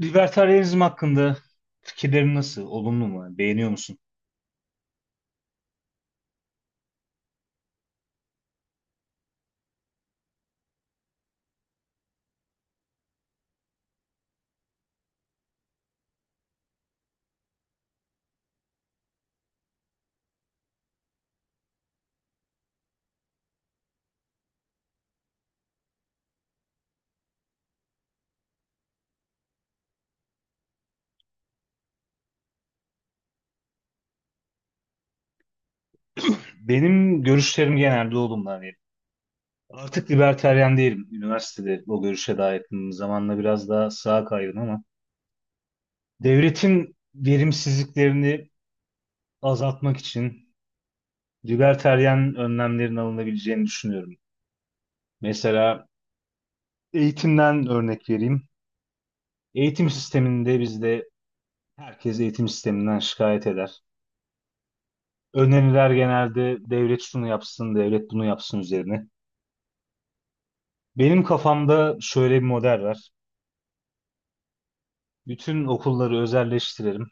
Libertarianizm hakkında fikirlerin nasıl? Olumlu mu? Beğeniyor musun? Benim görüşlerim genelde olumlu. Artık libertaryen değilim. Üniversitede o görüşe daha yakınım. Zamanla biraz daha sağa kaydım ama devletin verimsizliklerini azaltmak için libertaryen önlemlerin alınabileceğini düşünüyorum. Mesela eğitimden örnek vereyim. Eğitim sisteminde bizde herkes eğitim sisteminden şikayet eder. Öneriler genelde devlet şunu yapsın, devlet bunu yapsın üzerine. Benim kafamda şöyle bir model var. Bütün okulları özelleştirelim.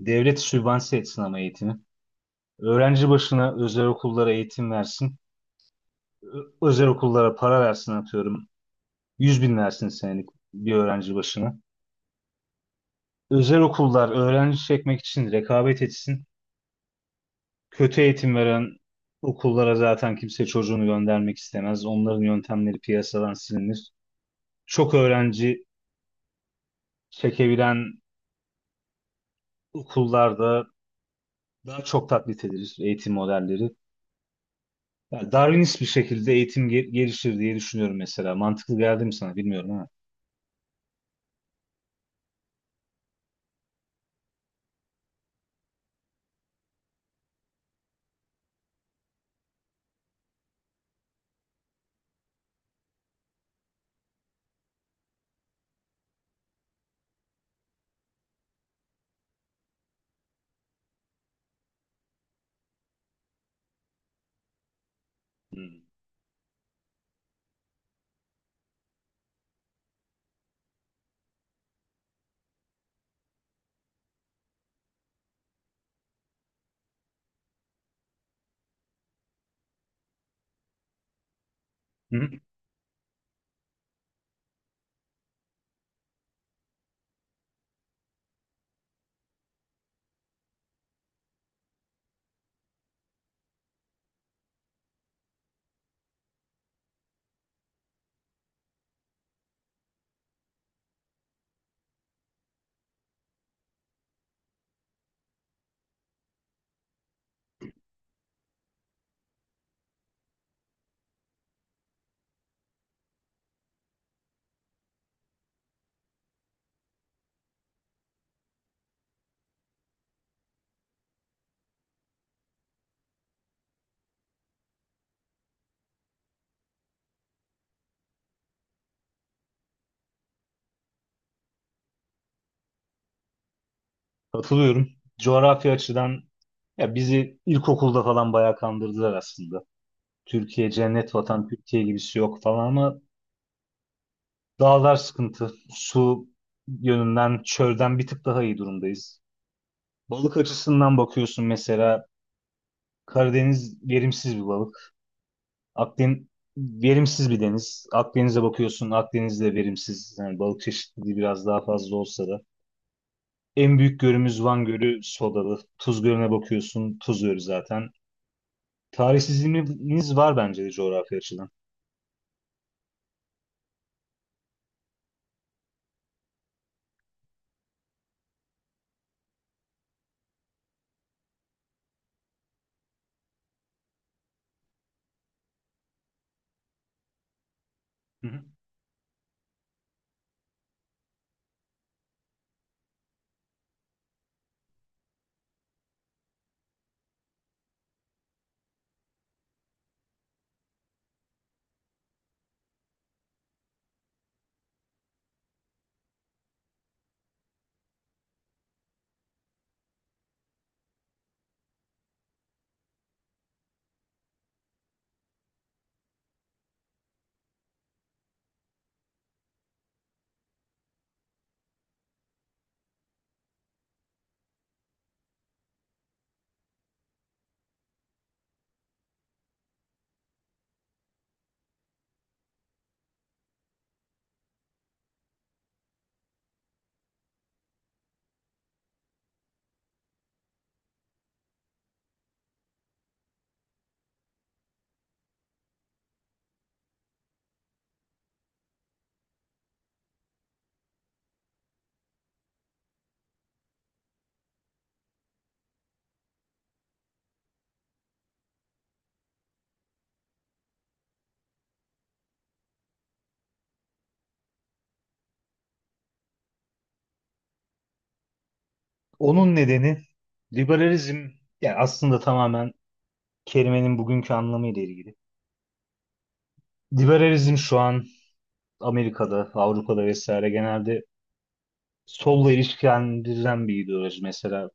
Devlet sübvanse etsin ama eğitimi. Öğrenci başına özel okullara eğitim versin. Özel okullara para versin atıyorum. 100 bin versin senelik bir öğrenci başına. Özel okullar öğrenci çekmek için rekabet etsin. Kötü eğitim veren okullara zaten kimse çocuğunu göndermek istemez. Onların yöntemleri piyasadan silinir. Çok öğrenci çekebilen okullarda daha çok taklit edilir eğitim modelleri. Ya Darwinist bir şekilde eğitim gelişir diye düşünüyorum mesela. Mantıklı geldi mi sana bilmiyorum ama. Hmm. Hı? Katılıyorum. Coğrafya açıdan ya bizi ilkokulda falan bayağı kandırdılar aslında. Türkiye cennet vatan, Türkiye gibisi yok falan ama dağlar sıkıntı. Su yönünden çölden bir tık daha iyi durumdayız. Balık açısından bakıyorsun mesela Karadeniz verimsiz bir balık. Akdeniz verimsiz bir deniz. Akdeniz'e bakıyorsun, Akdeniz de verimsiz. Yani balık çeşitliliği biraz daha fazla olsa da. En büyük gölümüz Van Gölü sodalı. Tuz Gölü'ne bakıyorsun, Tuz Gölü zaten. Tarihsizliğimiz var bence de coğrafya açıdan. Hı hı. Onun nedeni liberalizm, yani aslında tamamen kelimenin bugünkü anlamıyla ilgili. Liberalizm şu an Amerika'da, Avrupa'da vesaire genelde solla ilişkilendirilen bir ideoloji. Mesela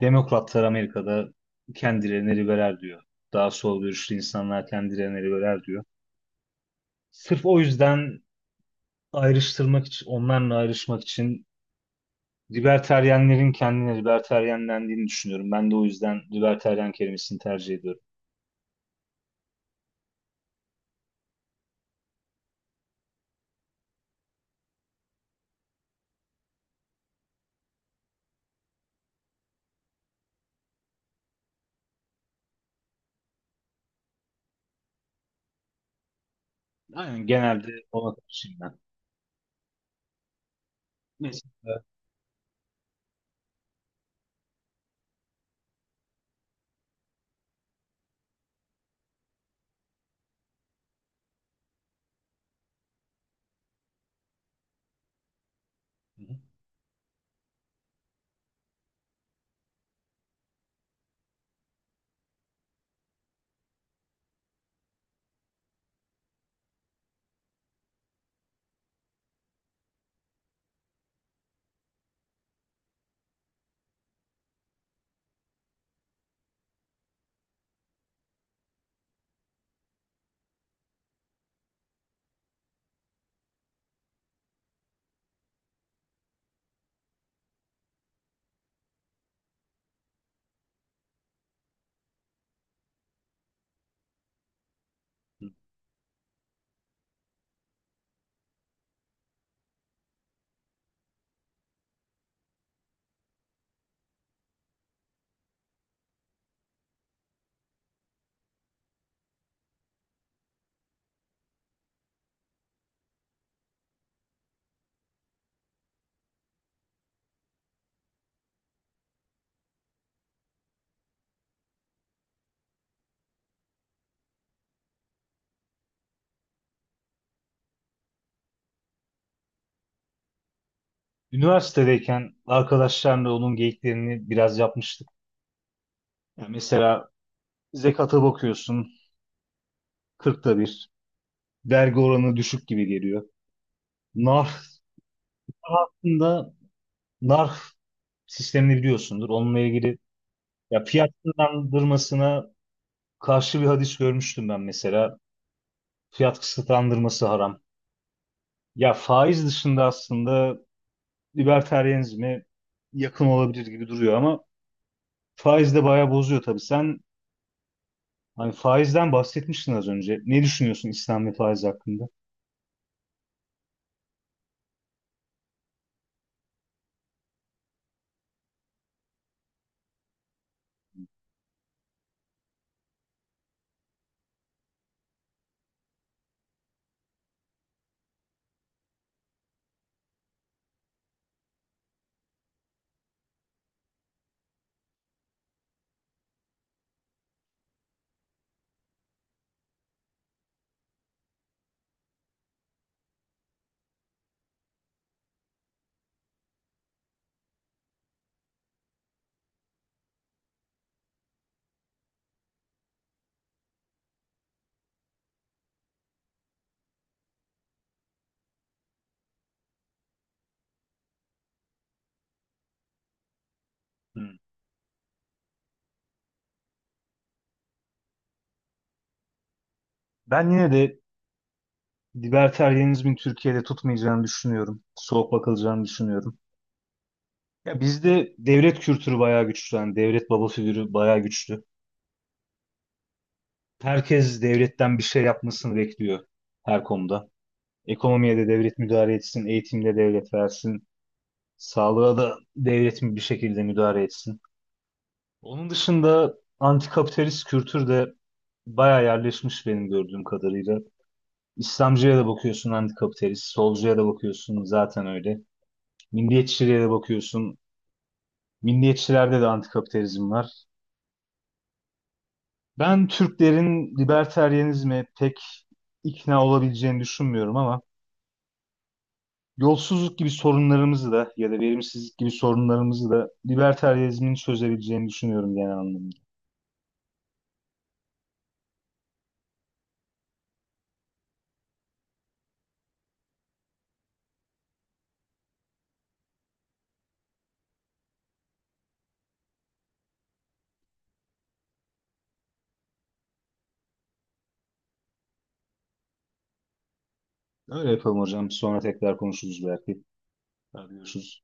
Demokratlar Amerika'da kendilerini liberal diyor. Daha sol görüşlü insanlar kendilerini liberal diyor. Sırf o yüzden ayrıştırmak için, onlarla ayrışmak için libertaryenlerin kendine libertaryenlendiğini düşünüyorum. Ben de o yüzden libertaryen kelimesini tercih ediyorum. Aynen, genelde ona karşıyım ben. Mesela. Hı hı. Üniversitedeyken arkadaşlarla onun geyiklerini biraz yapmıştık. Yani mesela zekata bakıyorsun 40'ta bir. Vergi oranı düşük gibi geliyor. Nar aslında, Narf sistemini biliyorsundur. Onunla ilgili ya fiyat kısıtlandırmasına karşı bir hadis görmüştüm ben mesela. Fiyat kısıtlandırması haram. Ya faiz dışında aslında libertarianizme yakın olabilir gibi duruyor ama faiz de bayağı bozuyor tabii. Sen hani faizden bahsetmiştin az önce. Ne düşünüyorsun İslam ve faiz hakkında? Hmm. Ben yine de libertarianizmin Türkiye'de tutmayacağını düşünüyorum. Soğuk bakılacağını düşünüyorum. Ya bizde devlet kültürü bayağı güçlü. Yani devlet baba figürü bayağı güçlü. Herkes devletten bir şey yapmasını bekliyor her konuda. Ekonomiye de devlet müdahale etsin, eğitimde devlet versin, sağlığa da devlet bir şekilde müdahale etsin. Onun dışında antikapitalist kültür de bayağı yerleşmiş benim gördüğüm kadarıyla. İslamcıya da bakıyorsun antikapitalist, solcuya da bakıyorsun zaten öyle. Milliyetçiliğe de bakıyorsun. Milliyetçilerde de antikapitalizm var. Ben Türklerin libertarianizme pek ikna olabileceğini düşünmüyorum ama yolsuzluk gibi sorunlarımızı da ya da verimsizlik gibi sorunlarımızı da libertarianizmin çözebileceğini düşünüyorum genel anlamda. Öyle yapalım hocam. Sonra tekrar konuşuruz belki. Hadi görüşürüz.